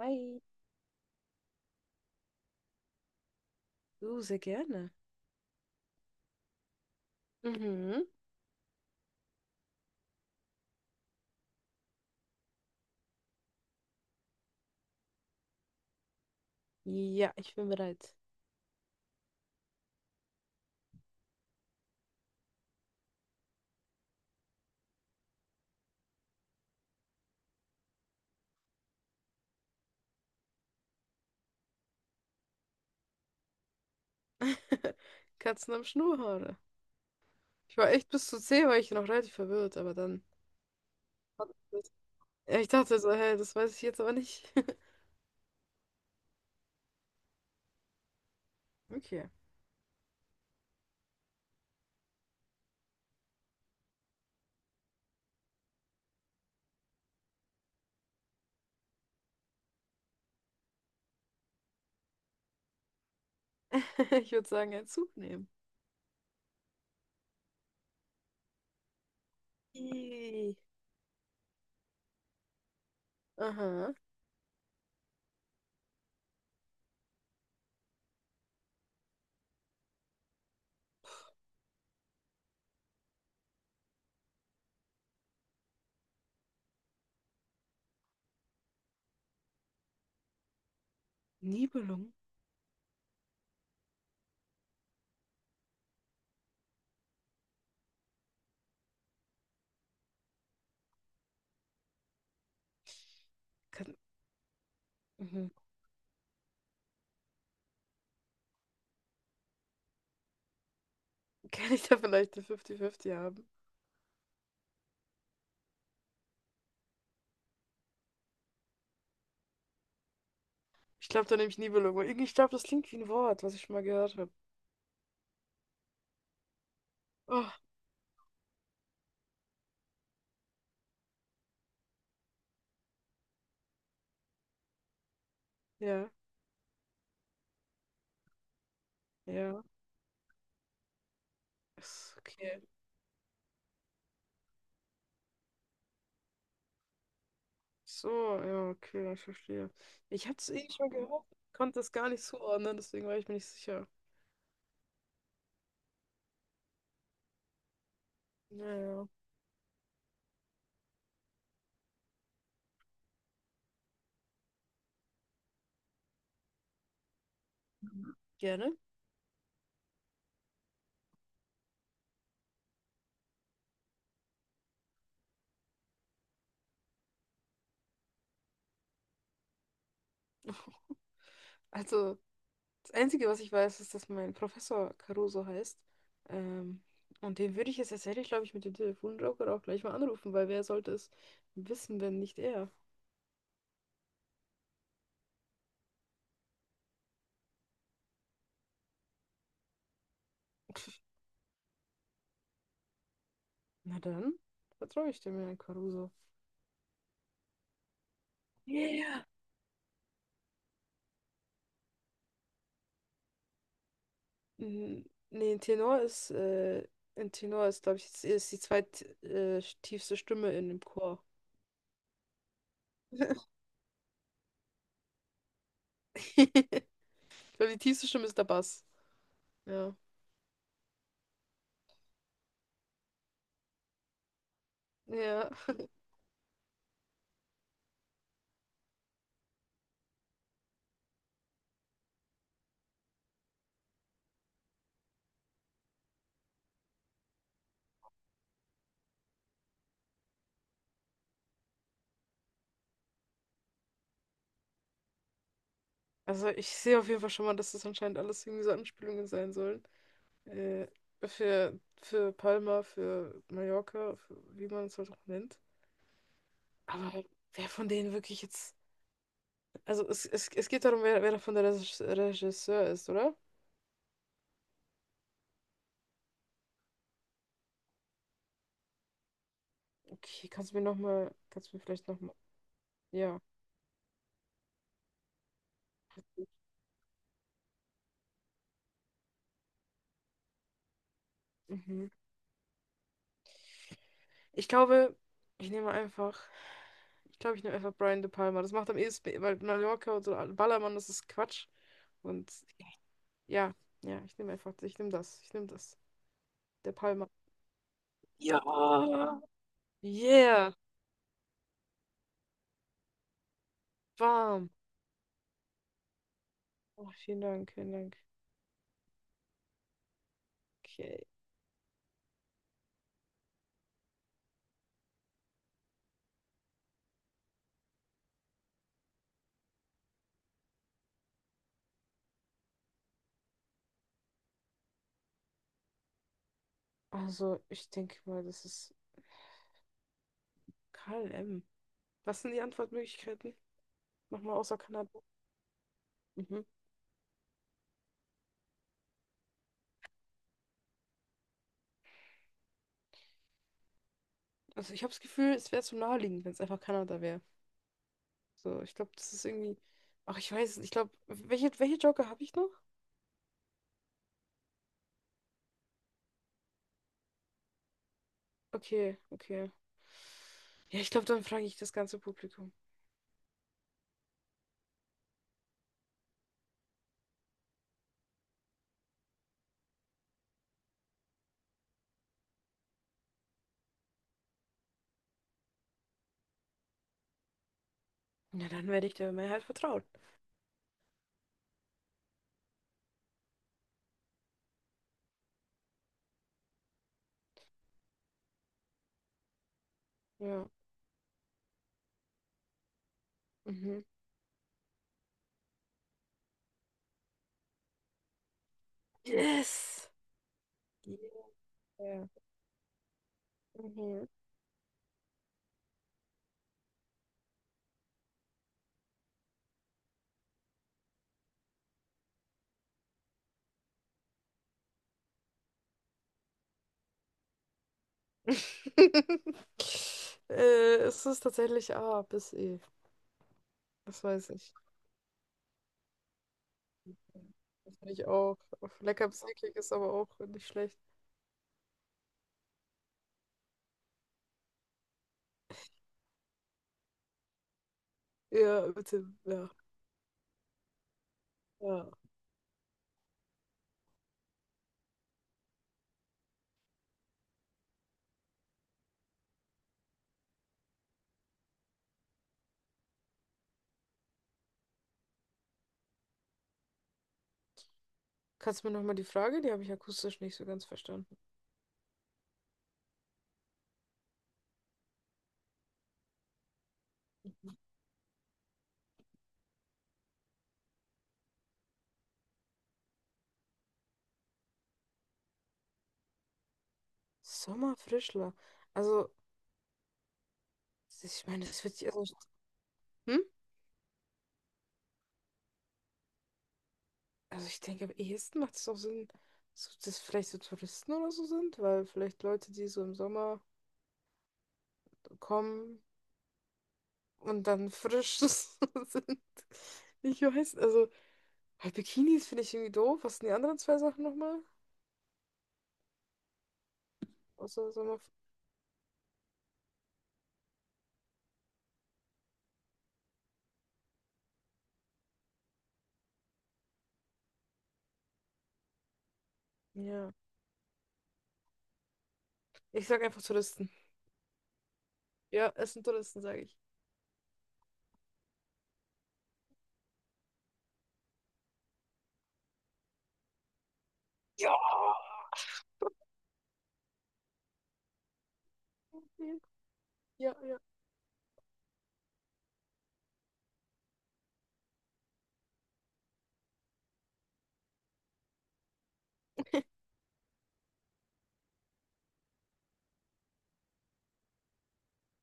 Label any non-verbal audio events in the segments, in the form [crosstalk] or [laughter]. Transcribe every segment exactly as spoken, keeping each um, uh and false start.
Hi, du, sehr gerne. Mhm. Ja, ich bin bereit. [laughs] Katzen am Schnurrhaare. Ich war echt bis zu zehn, war ich noch relativ verwirrt, aber dann. Ja, ich dachte so, hä, das weiß ich jetzt aber nicht. [laughs] Okay. [laughs] Ich würde sagen, einen Zug nehmen. Ih. Aha. Nibelung? Kann, mhm. Kann ich da vielleicht eine fünfzig fünfzig haben? Ich glaube, da nehme ich Nibelung. irgendwie- Ich glaube, das klingt wie ein Wort, was ich schon mal gehört habe. Oh, ja, ja. Ist okay. So, ja, okay, ich verstehe. Ich hatte es eh schon gehört, konnte es gar nicht zuordnen, deswegen war ich mir nicht sicher. Ja, ja, gerne. Also, das Einzige, was ich weiß, ist, dass mein Professor Caruso heißt. Ähm, und den würde ich jetzt tatsächlich, glaube ich, mit dem Telefonjoker auch gleich mal anrufen, weil wer sollte es wissen, wenn nicht er? [laughs] Na dann, vertraue ich dem Herrn Caruso. Ja, ja. Mhm. Nee, ein Tenor ist, äh, ein Tenor ist, glaube ich, ist die zweit, äh, tiefste Stimme in dem Chor. [laughs] [laughs] Ich glaube, die tiefste Stimme ist der Bass. Ja. Ja. Also ich sehe auf jeden Fall schon mal, dass das anscheinend alles irgendwie so Anspielungen sein sollen. Äh, für, für Palma, für Mallorca, für, wie man es halt auch nennt. Aber wer von denen wirklich jetzt. Also es, es, es geht darum, wer, wer davon der Regis- Regisseur ist, oder? Okay, kannst du mir nochmal, kannst du mir vielleicht nochmal. Ja. Mhm. Ich glaube, ich nehme einfach. Ich glaube, ich nehme einfach Brian De Palma. Das macht am ehesten, weil Mallorca und so Ballermann, das ist Quatsch. Und ja, ja, ich nehme einfach, ich nehme das, ich nehme das. De Palma. Ja. Yeah, warm. Oh, vielen Dank, vielen Dank. Okay. Also, ich denke mal, das ist K L M. Was sind die Antwortmöglichkeiten? Nochmal außer Kanada. Mhm. Also, ich habe das Gefühl, es wäre zu naheliegend, wenn es einfach Kanada wäre. So, ich glaube, das ist irgendwie. Ach, ich weiß es nicht. Ich glaube, welche, welche Joker habe ich noch? Okay, okay. Ja, ich glaube, dann frage ich das ganze Publikum. Na, dann werde ich der Mehrheit vertrauen. Ja. Mhm. Yes! Yeah. Mhm. [laughs] äh, es ist tatsächlich A bis E. Das weiß ich. Das finde ich auch. Lecker bis eklig ist aber auch nicht schlecht. Ja, bitte. Ja. Ja. Kannst du mir nochmal die Frage? Die habe ich akustisch nicht so ganz verstanden. Sommerfrischler. Also, ich meine, das wird sich. Also, hm? Also ich denke, am ehesten macht es auch Sinn, so, dass vielleicht so Touristen oder so sind, weil vielleicht Leute, die so im Sommer kommen und dann frisch [laughs] sind. Ich weiß, also halt Bikinis finde ich irgendwie doof. Was sind die anderen zwei Sachen nochmal? Außer Sommer. Ja. Ich sag einfach Touristen. Ja, es sind Touristen, sage ich. Ja. Ja, ja.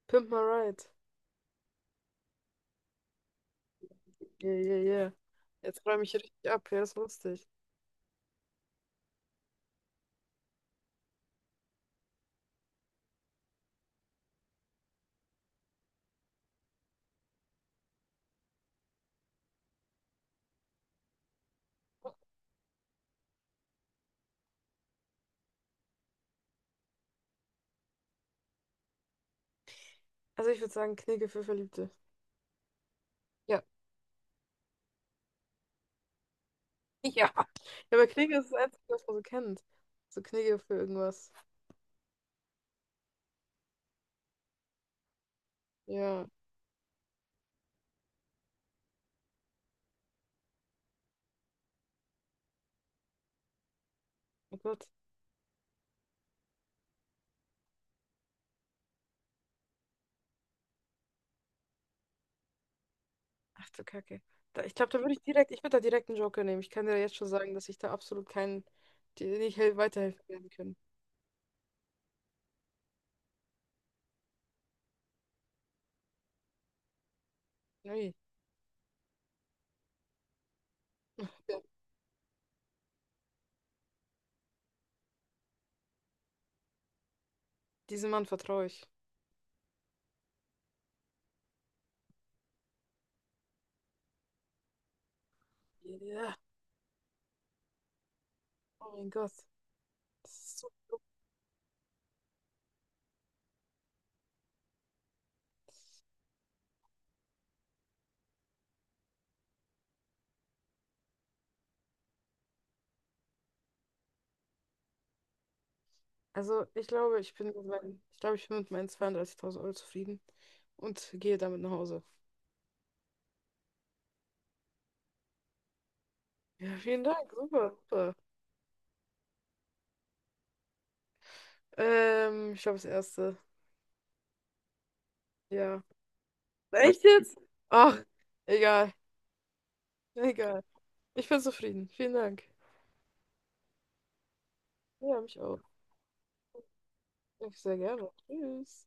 Pimp my ride. Yeah, yeah, yeah. Jetzt räume ich richtig ab. Ja, das ist lustig. Also ich würde sagen, Knigge für Verliebte. Ja. Ja. Ja, [laughs] aber Knigge ist das Einzige, was man so kennt. So Knigge für irgendwas. Ja, oh Gott. Ach du Kacke. Da, ich glaube, da würde ich direkt, ich würde da direkt einen Joker nehmen. Ich kann dir jetzt schon sagen, dass ich da absolut keinen, dir nicht hel- weiterhelfen werden können. Nee. Ja, diesem Mann vertraue ich. Ja. Oh mein Gott. Das ist so. Also ich glaube, ich bin mit meinen, ich glaube, ich bin mit meinen zweiunddreißigtausend Euro zufrieden und gehe damit nach Hause. Ja, vielen Dank. Super, super. Ähm, ich glaube das erste. Ja. Echt jetzt? Ach, egal. Egal. Ich bin zufrieden. Vielen Dank. Ja, mich auch. Ich sehr gerne. Tschüss.